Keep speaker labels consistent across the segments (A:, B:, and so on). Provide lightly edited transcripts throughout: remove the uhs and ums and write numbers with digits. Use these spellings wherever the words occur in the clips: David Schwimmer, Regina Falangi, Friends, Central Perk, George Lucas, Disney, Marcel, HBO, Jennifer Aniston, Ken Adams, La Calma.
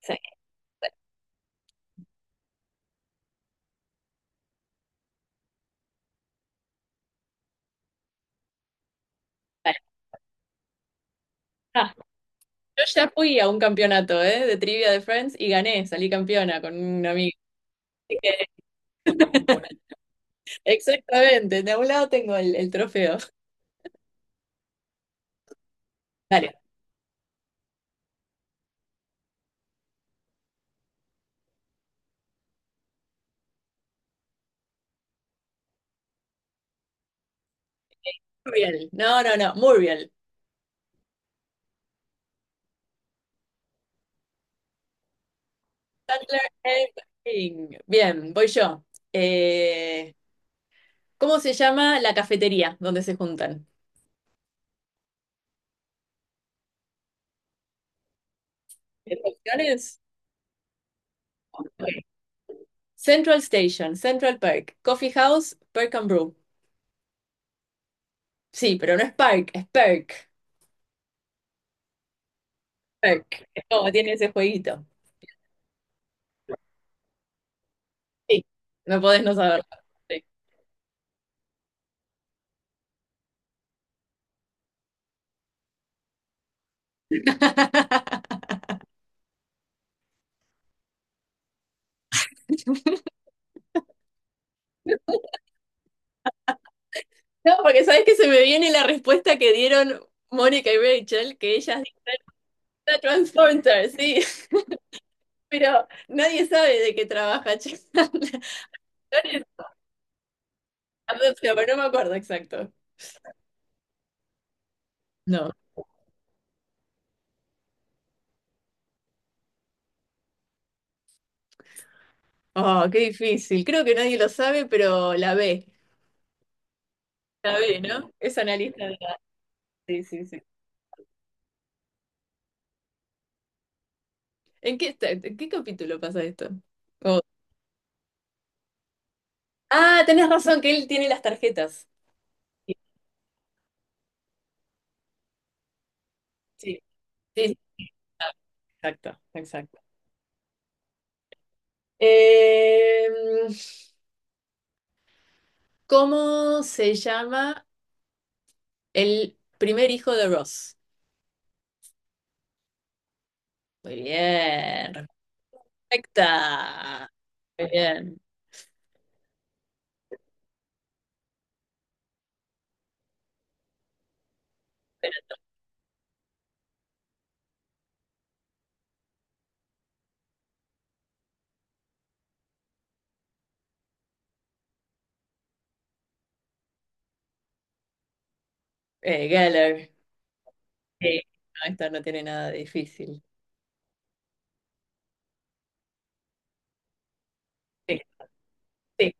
A: Sí. Vale. Ah, yo ya fui a un campeonato, ¿eh? De trivia de Friends y gané, salí campeona con una amiga. Así que exactamente, de un lado tengo el trofeo. Dale, Muriel. No, no, no, Muriel. Butler and Baking. Bien, voy yo. Eh, ¿Cómo se llama la cafetería donde se juntan? ¿Tienes opciones? Ok. Central Station, Central Park, Coffee House, Perk and Brew. Sí, pero no es Park, es Perk. Perk. Es como tiene ese jueguito. Sí, no podés no saberlo. Sí. No, porque sabes que se me viene la respuesta que dieron Mónica y Rachel, que ellas dicen: "Ah, Transporter, sí, pero nadie sabe de qué trabaja". Chan. Adopta, pero no me acuerdo exacto. No. Oh, qué difícil. Creo que nadie lo sabe, pero la ve. La ve, ¿no? Es analista de la... Sí, sí, sí. ¿En qué, en qué capítulo pasa esto? Oh. Ah, tenés razón, que él tiene las tarjetas. Sí, sí, sí, exacto, exacto. Eh, ¿Cómo se llama el primer hijo de Ross? Muy bien, perfecta. Muy bien. Geller. Sí, no, esto no tiene nada de difícil. Sí. Sí,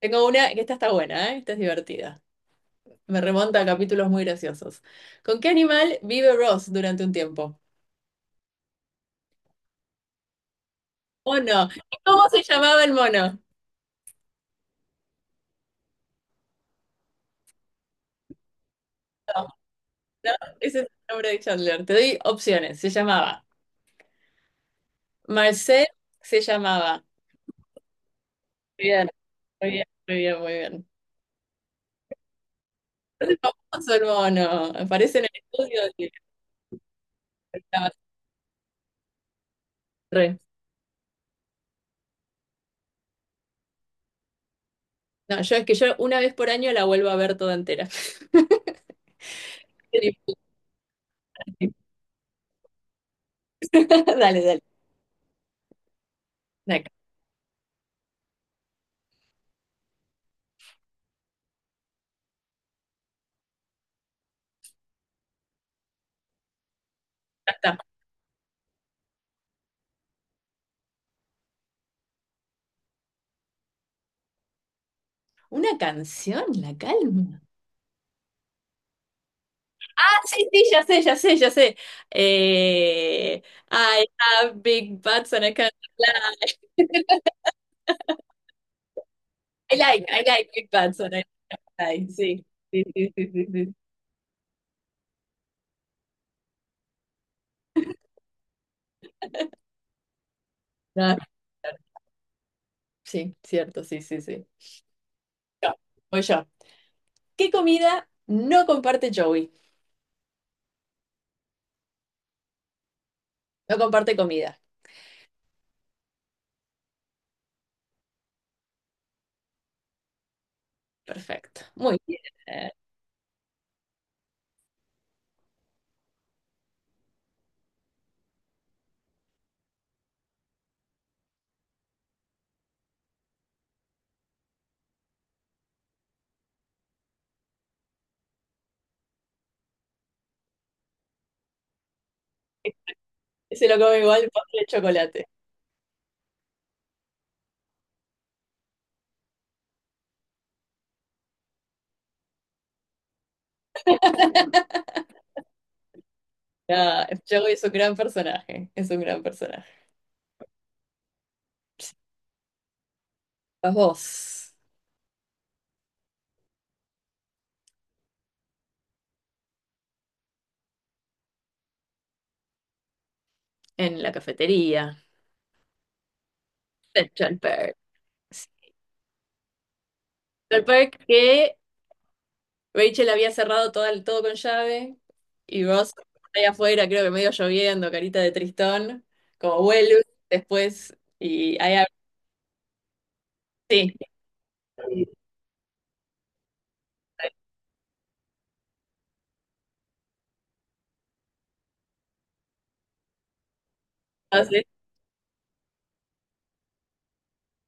A: tengo una, que esta está buena, ¿eh? Esta es divertida. Me remonta a capítulos muy graciosos. ¿Con qué animal vive Ross durante un tiempo? Mono. ¿Y cómo se llamaba el mono? No, no, ese es el nombre de Chandler. Te doy opciones. Se llamaba Marcel, se llamaba. Muy bien, muy bien, muy bien, muy bien. Es famoso el mono. Aparece en el estudio y estaba re. No, yo es que yo una vez por año la vuelvo a ver toda entera. Dale, dale. Acá está. Una canción, La Calma. Ah, sí, sí, ya sé, ya sé, ya sé. Eh, I have big butts and I can't lie. I like big butts and I can't lie. Sí, sí, sí, sí, sí. Sí, no, no, no, sí, cierto, sí, sí, sí. Yo, voy yo. ¿Qué comida no comparte Joey? No comparte comida. Perfecto. Muy bien. Se lo come igual, postre de chocolate. Ah, Joey es un gran personaje. Es un gran personaje. Vas vos. En la cafetería. Central Park. Central Park que Rachel había cerrado todo, todo con llave y Ross allá afuera, creo que medio lloviendo, carita de tristón, como vuelve después y sí, entonces,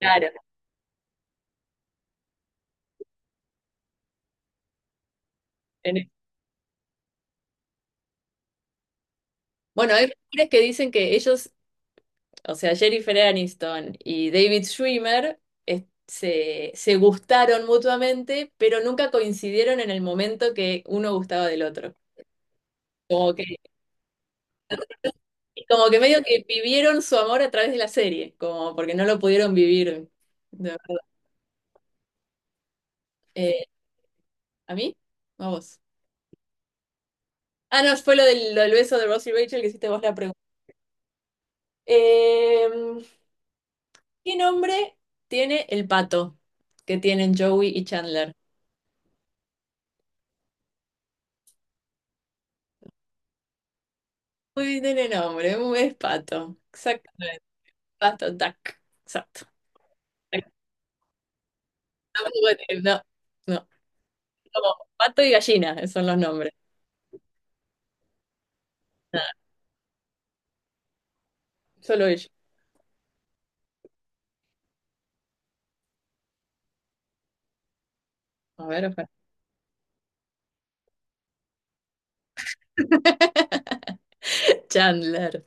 A: claro. en- Bueno, hay rumores que dicen que ellos, o sea, Jennifer Aniston y David Schwimmer se, se gustaron mutuamente, pero nunca coincidieron en el momento que uno gustaba del otro. Como que y como que medio que vivieron su amor a través de la serie, como porque no lo pudieron vivir de verdad. Eh, ¿A mí? ¿O ¿a vos? Ah, no, fue lo del beso de Ross y Rachel que hiciste vos la pregunta. Eh, ¿Qué nombre tiene el pato que tienen Joey y Chandler? Uy, no tiene nombre, es pato. Exactamente. Pato, duck. Exacto. Tampoco tiene... No, no. Como pato y gallina, esos son los nombres. Nada, solo ellos. A ver, ojalá. Chandler.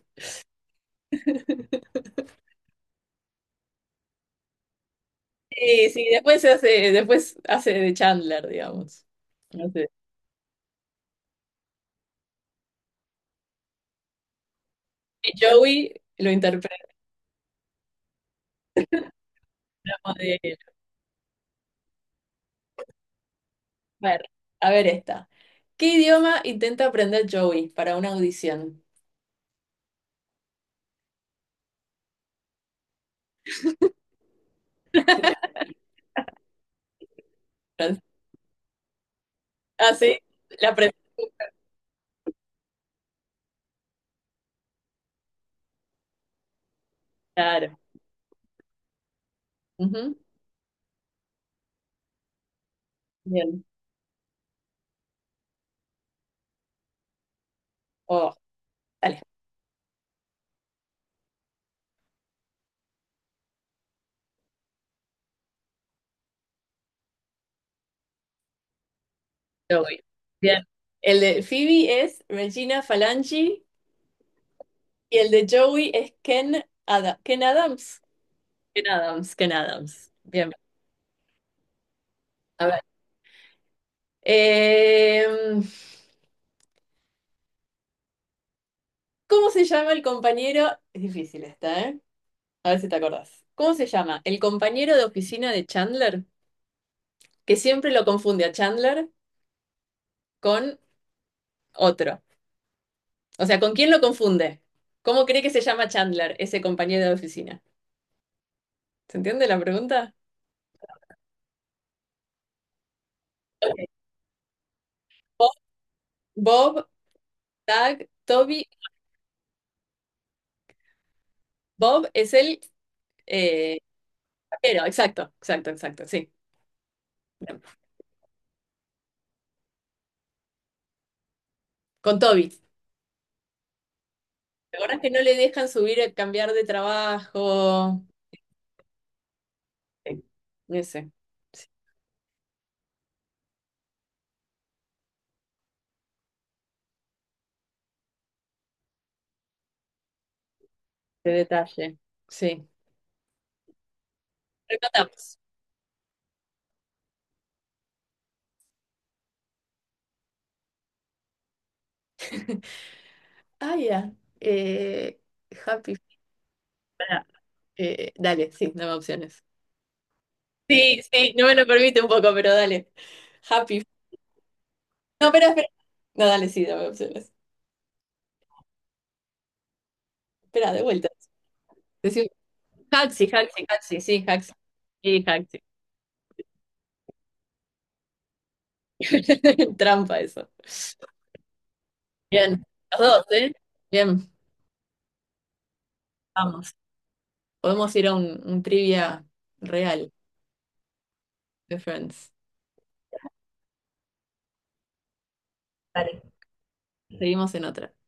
A: Sí, sí, después se hace, después hace de Chandler, digamos. No sé. Y Joey lo interpretamos de él. A ver, a ver esta. ¿Qué idioma intenta aprender Joey para una audición? Fran- Ah, sí, la aprendí. Claro. Ujú, bien. Oh, dale, Joey. Bien. El de Phoebe es Regina Falangi y el de Joey es Ken Adams. Ken Adams, Ken Adams. Bien. A ver. Em, ¿Cómo se llama el compañero? Es difícil esta, ¿eh? A ver si te acordás. ¿Cómo se llama el compañero de oficina de Chandler que siempre lo confunde a Chandler con otro? O sea, ¿con quién lo confunde? ¿Cómo cree que se llama Chandler, ese compañero de oficina? ¿Se entiende la pregunta? Bob, Bob, Doug, Toby. Bob es el eh, vaquero, exacto, exacto, exacto, sí. Con Toby. ¿Te acordás que no le dejan subir, cambiar de trabajo? Sí, ese. De detalle. Sí. Rematamos. Ah, ya. Eh, happy. Pará. Dale, sí, dame opciones. Sí, sí, no me lo permite un poco, pero dale. Happy. No, espera, espera. No, dale, sí, dame opciones. Espera, de vuelta. Decime, Haxi, Haxi, Haxi, sí, Haxi. Sí, Haxi. Trampa eso. Bien, los dos, ¿eh? Bien, vamos. Podemos ir a un trivia real de Friends. Vale. Seguimos en otra.